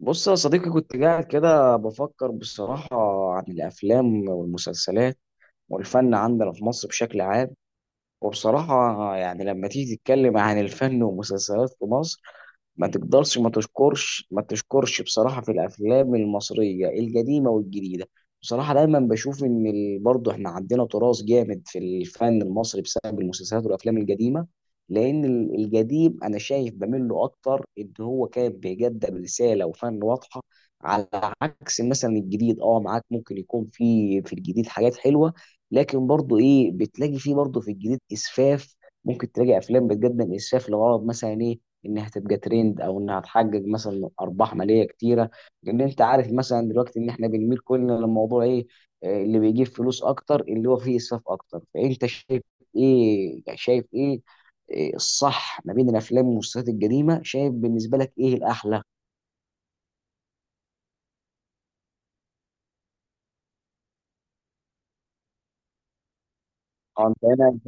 بص يا صديقي، كنت قاعد كده بفكر بصراحة عن الأفلام والمسلسلات والفن عندنا في مصر بشكل عام. وبصراحة يعني لما تيجي تتكلم عن الفن والمسلسلات في مصر، ما تقدرش ما تشكرش بصراحة في الأفلام المصرية القديمة والجديدة. بصراحة دايما بشوف إن برضه إحنا عندنا تراث جامد في الفن المصري بسبب المسلسلات والأفلام القديمة. لأن القديم أنا شايف بميل له أكتر، إن هو كان بيقدم رسالة وفن واضحة. على عكس مثلا الجديد، معاك ممكن يكون في الجديد حاجات حلوة، لكن برضو ايه بتلاقي فيه برضو في الجديد اسفاف. ممكن تلاقي افلام بتقدم اسفاف لغرض مثلا ايه؟ انها تبقى ترند او انها تحقق مثلا ارباح ماليه كتيره. لان انت عارف مثلا دلوقتي ان احنا بنميل كلنا للموضوع ايه، اللي بيجيب فلوس اكتر اللي هو فيه اسفاف اكتر. فانت شايف ايه؟ إيه الصح ما بين الافلام والمسلسلات القديمه، شايف بالنسبه لك ايه الاحلى؟ اه انت هنا.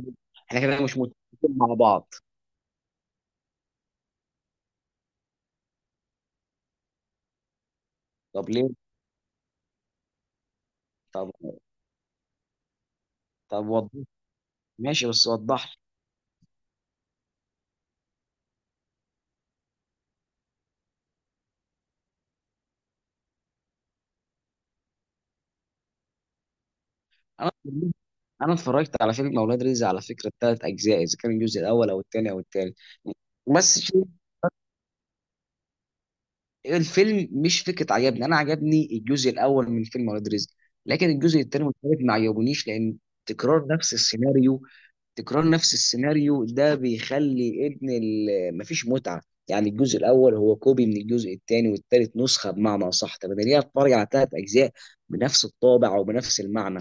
احنا كده مش متفقين مع بعض. طب ليه؟ طب طب وضح. ماشي، بس وضح. انا انا اتفرجت على فيلم اولاد رزق على فكره، الثلاث اجزاء، اذا كان الجزء الاول او الثاني او الثالث. بس شيء- الفيلم مش فكره عجبني. انا عجبني الجزء الاول من فيلم اولاد رزق، لكن الجزء الثاني والثالث ما عجبونيش. لان تكرار نفس السيناريو، تكرار نفس السيناريو ده بيخلي مفيش متعه. يعني الجزء الاول هو كوبي من الجزء الثاني والثالث، نسخه بمعنى اصح. طب انا ليه اتفرج على ثلاث اجزاء بنفس الطابع او بنفس المعنى؟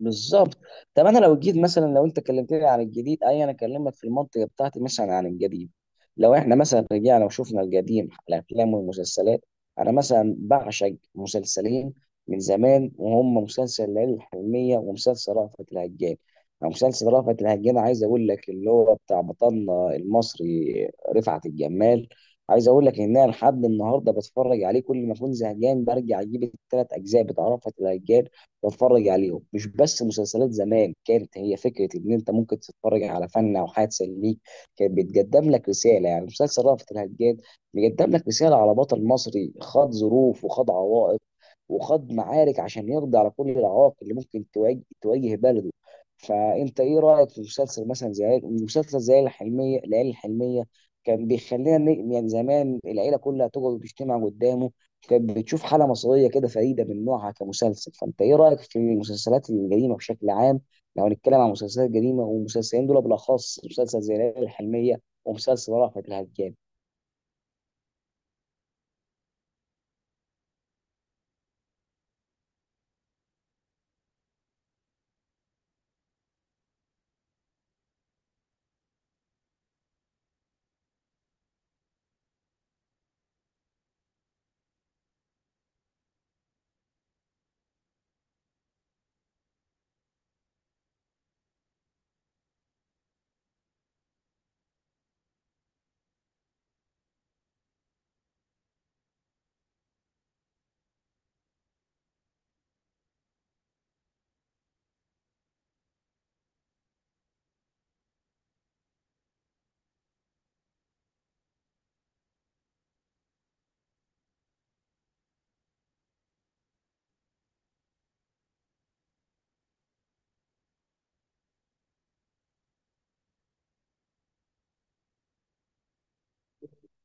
بالظبط. طب انا لو جيت مثلا، لو انت كلمتني عن الجديد، اي انا اكلمك في المنطقه بتاعتي مثلا عن القديم. لو احنا مثلا رجعنا وشفنا القديم، الافلام والمسلسلات، انا مثلا بعشق مسلسلين من زمان، وهم مسلسل ليالي الحلميه ومسلسل رأفت الهجان. أو مسلسل رأفت الهجان عايز اقول لك اللي هو بتاع بطلنا المصري رفعت الجمال. عايز اقول لك ان انا لحد النهارده بتفرج عليه، كل ما اكون زهقان برجع اجيب الثلاث اجزاء بتاع رأفت الهجان واتفرج عليهم. مش بس مسلسلات زمان كانت هي فكره ان انت ممكن تتفرج على فن او حاجه تسليك، كان بيتقدم لك رساله. يعني مسلسل رأفت الهجان بيقدم لك رساله على بطل مصري خاض ظروف وخاض عوائق وخاض معارك عشان يقضي على كل العوائق اللي ممكن تواجه بلده. فانت ايه رايك في مسلسل مثلا زي مسلسل زي الحلميه، العيله الحلميه؟ كان بيخلينا يعني زمان العيله كلها تقعد وتجتمع قدامه. كانت بتشوف حالة مصرية كده فريدة من نوعها كمسلسل. فأنت إيه رأيك في المسلسلات الجريمة بشكل عام، لو هنتكلم عن مسلسلات جريمة، والمسلسلين دول بالأخص مسلسل زي ليالي الحلمية ومسلسل رأفت الهجان؟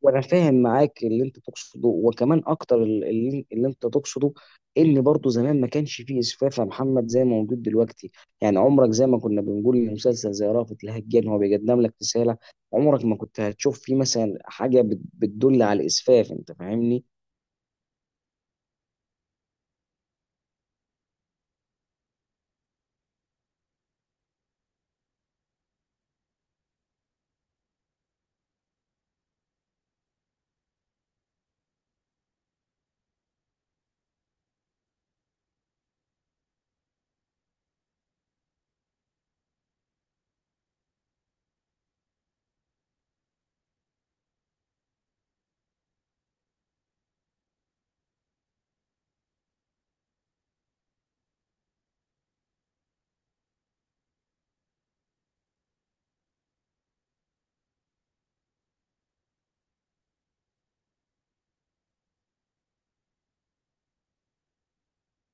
وأنا فاهم معاك اللي أنت تقصده، وكمان أكتر اللي أنت تقصده، إن برضه زمان ما كانش فيه إسفاف يا محمد زي ما موجود دلوقتي. يعني عمرك زي ما كنا بنقول لمسلسل زي رأفت الهجان، هو بيقدم لك رسالة، عمرك ما كنت هتشوف فيه مثلا حاجة بتدل على الإسفاف. أنت فاهمني.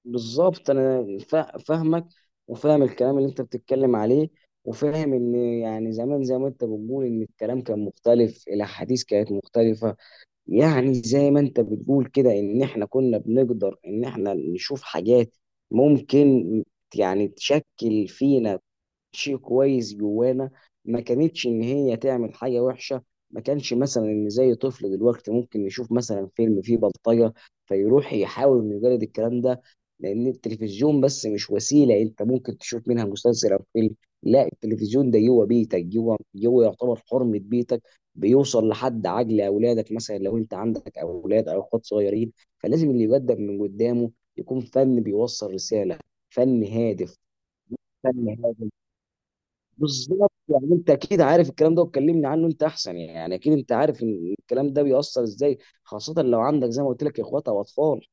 بالظبط. فاهمك وفاهم الكلام اللي انت بتتكلم عليه، وفاهم ان يعني زمان زي ما انت بتقول ان الكلام كان مختلف، الاحاديث كانت مختلفه. يعني زي ما انت بتقول كده ان احنا كنا بنقدر ان احنا نشوف حاجات ممكن يعني تشكل فينا شيء كويس جوانا. ما كانتش ان هي تعمل حاجه وحشه. ما كانش مثلا ان زي طفل دلوقتي ممكن يشوف مثلا فيلم فيه بلطجه، فيروح يحاول انه يجرد الكلام ده. لان التلفزيون بس مش وسيله انت ممكن تشوف منها مسلسل او فيلم، لا التلفزيون ده جوه بيتك، جوه يعتبر حرمه بيتك. بيوصل لحد عقل اولادك، مثلا لو انت عندك اولاد او اخوات صغيرين، فلازم اللي يقدم من قدامه يكون فن بيوصل رساله، فن هادف. فن هادف. بالظبط. يعني انت اكيد عارف الكلام ده، وتكلمني عنه انت احسن، يعني اكيد انت عارف ان الكلام ده بيأثر ازاي، خاصة لو عندك زي ما قلت لك اخوات او اطفال.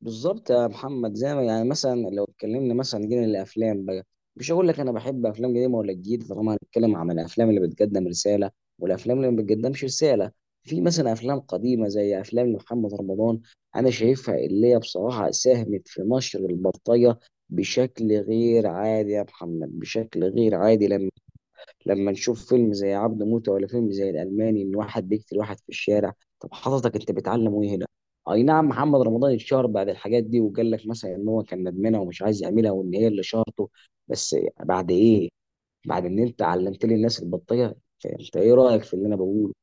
بالظبط يا محمد. زي ما يعني مثلا لو اتكلمنا مثلا جينا للافلام بقى، مش هقول لك انا بحب افلام قديمة ولا جديدة، طالما هنتكلم عن الافلام اللي بتقدم رسالة والافلام اللي ما بتقدمش رسالة. في مثلا افلام قديمة زي افلام محمد رمضان انا شايفها اللي هي بصراحة ساهمت في نشر البلطجة بشكل غير عادي يا محمد، بشكل غير عادي. لما نشوف فيلم زي عبده موتة ولا فيلم زي الألماني، إن واحد بيقتل واحد في الشارع، طب حضرتك أنت بتعلم إيه هنا؟ أي نعم محمد رمضان اتشهر بعد الحاجات دي، وقال لك مثلا إن هو كان ندمانة ومش عايز يعملها وإن هي اللي شهرته، بس بعد إيه؟ بعد إن أنت علمت لي الناس البلطجة، فأنت إيه رأيك في اللي أنا بقوله؟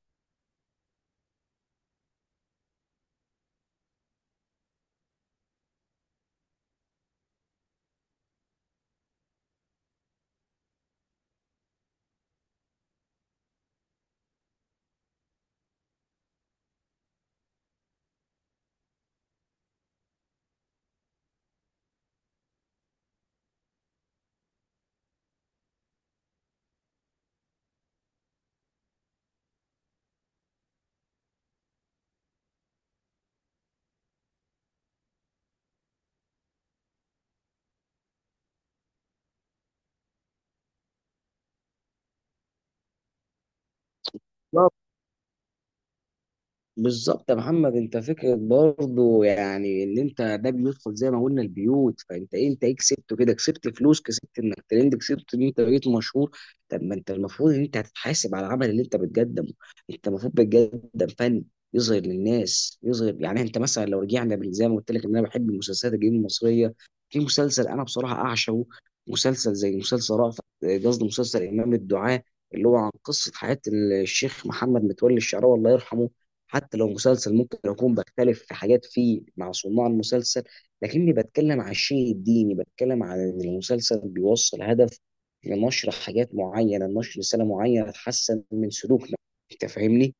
بالظبط يا محمد. انت فكره برضو، يعني ان انت ده بيدخل زي ما قلنا البيوت، فانت ايه، انت ايه كسبته كده؟ كسبت فلوس، كسبت انك ترند، كسبت ان انت بقيت مشهور. طب ما انت المفروض ان انت هتتحاسب على العمل اللي انت بتقدمه. انت المفروض بتقدم فن يظهر للناس، يظهر، يعني انت مثلا لو رجعنا زي ما قلت لك ان انا بحب المسلسلات الجديده المصريه، في مسلسل انا بصراحه اعشقه، مسلسل زي مسلسل رأفت، قصدي مسلسل امام الدعاء، اللي هو عن قصه حياه الشيخ محمد متولي الشعراوي الله يرحمه. حتى لو مسلسل ممكن اكون بختلف في حاجات فيه مع صناع المسلسل، لكني بتكلم عن الشيء الديني، بتكلم عن ان المسلسل بيوصل هدف لنشر حاجات معينه، نشر رساله معينه تحسن من سلوكنا. انت فاهمني.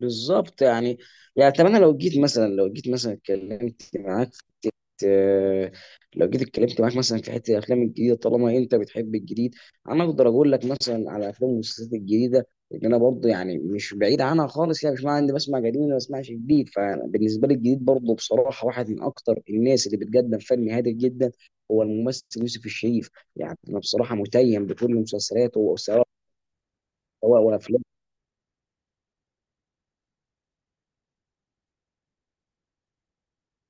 بالظبط. يعني اتمنى لو جيت مثلا، لو جيت مثلا اتكلمت معاك، آه، لو جيت اتكلمت معاك مثلا في حته الافلام الجديده. طالما انت بتحب الجديد، انا اقدر اقول لك مثلا على افلام والمسلسلات الجديده، ان انا برضه يعني مش بعيد عنها خالص، يعني مش معنى اني بسمع قديم ولا بسمعش جديد. فبالنسبه لي الجديد برضه بصراحه واحد من اكتر الناس اللي بتقدم فن هادف جدا هو الممثل يوسف الشريف. يعني انا بصراحه متيم بكل مسلسلاته، وسواء وافلامه.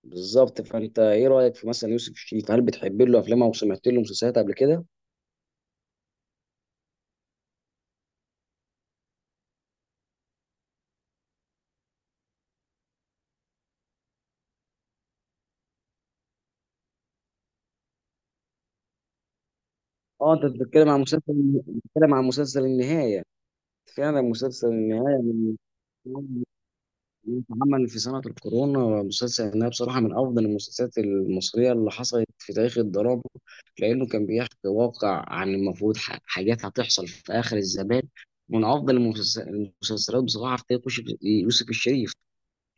بالظبط. فانت ايه رايك في مثلا يوسف الشريف، هل بتحب له افلامه وسمعت له مسلسلات قبل كده؟ اه انت بتتكلم عن مسلسل، بتتكلم عن مسلسل النهايه. فعلا مسلسل النهايه من اتعمل في سنه الكورونا. مسلسل النهايه بصراحه من افضل المسلسلات المصريه اللي حصلت في تاريخ الدراما، لانه كان بيحكي واقع عن المفروض حاجات هتحصل في اخر الزمان. من افضل المسلسلات بصراحه في تاريخ يوسف الشريف.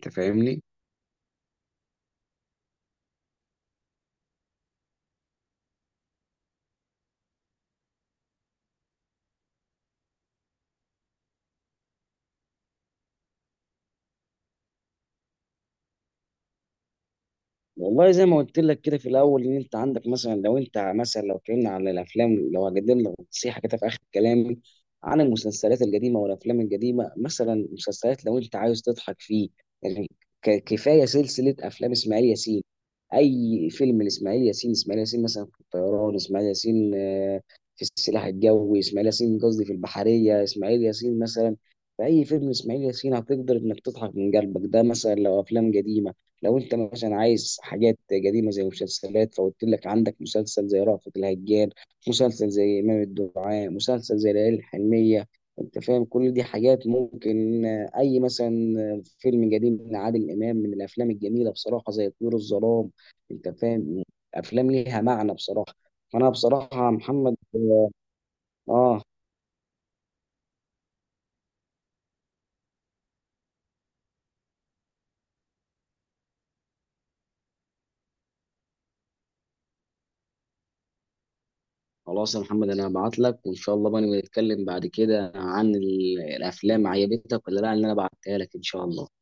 انت فاهمني. والله زي ما قلت لك كده في الاول، ان انت عندك مثلا، لو انت مثلا لو اتكلمنا عن الافلام، لو هقدم لك نصيحه كده في اخر كلامي عن المسلسلات القديمه والافلام القديمه، مثلا مسلسلات لو انت عايز تضحك فيه يعني، كفايه سلسله افلام اسماعيل ياسين. اي فيلم لاسماعيل ياسين، اسماعيل ياسين مثلا في الطيران، اسماعيل ياسين في السلاح الجوي، اسماعيل ياسين قصدي في البحريه، اسماعيل ياسين مثلا في اي فيلم اسماعيل ياسين هتقدر انك تضحك من قلبك. ده مثلا لو افلام قديمه. لو انت مثلا عايز حاجات قديمه زي مسلسلات، فقلت لك عندك مسلسل زي رأفت الهجان، مسلسل زي امام الدعاء، مسلسل زي ليالي الحلميه. انت فاهم كل دي حاجات ممكن، اي مثلا فيلم قديم لعادل امام من الافلام الجميله بصراحه زي طيور الظلام. انت فاهم. افلام ليها معنى بصراحه. فانا بصراحه يا محمد، اه، خلاص يا محمد انا هبعت لك، وان شاء الله بقى نبقى نتكلم بعد كده عن الافلام عجبتك ولا لا اللي انا بعتها لك ان شاء الله.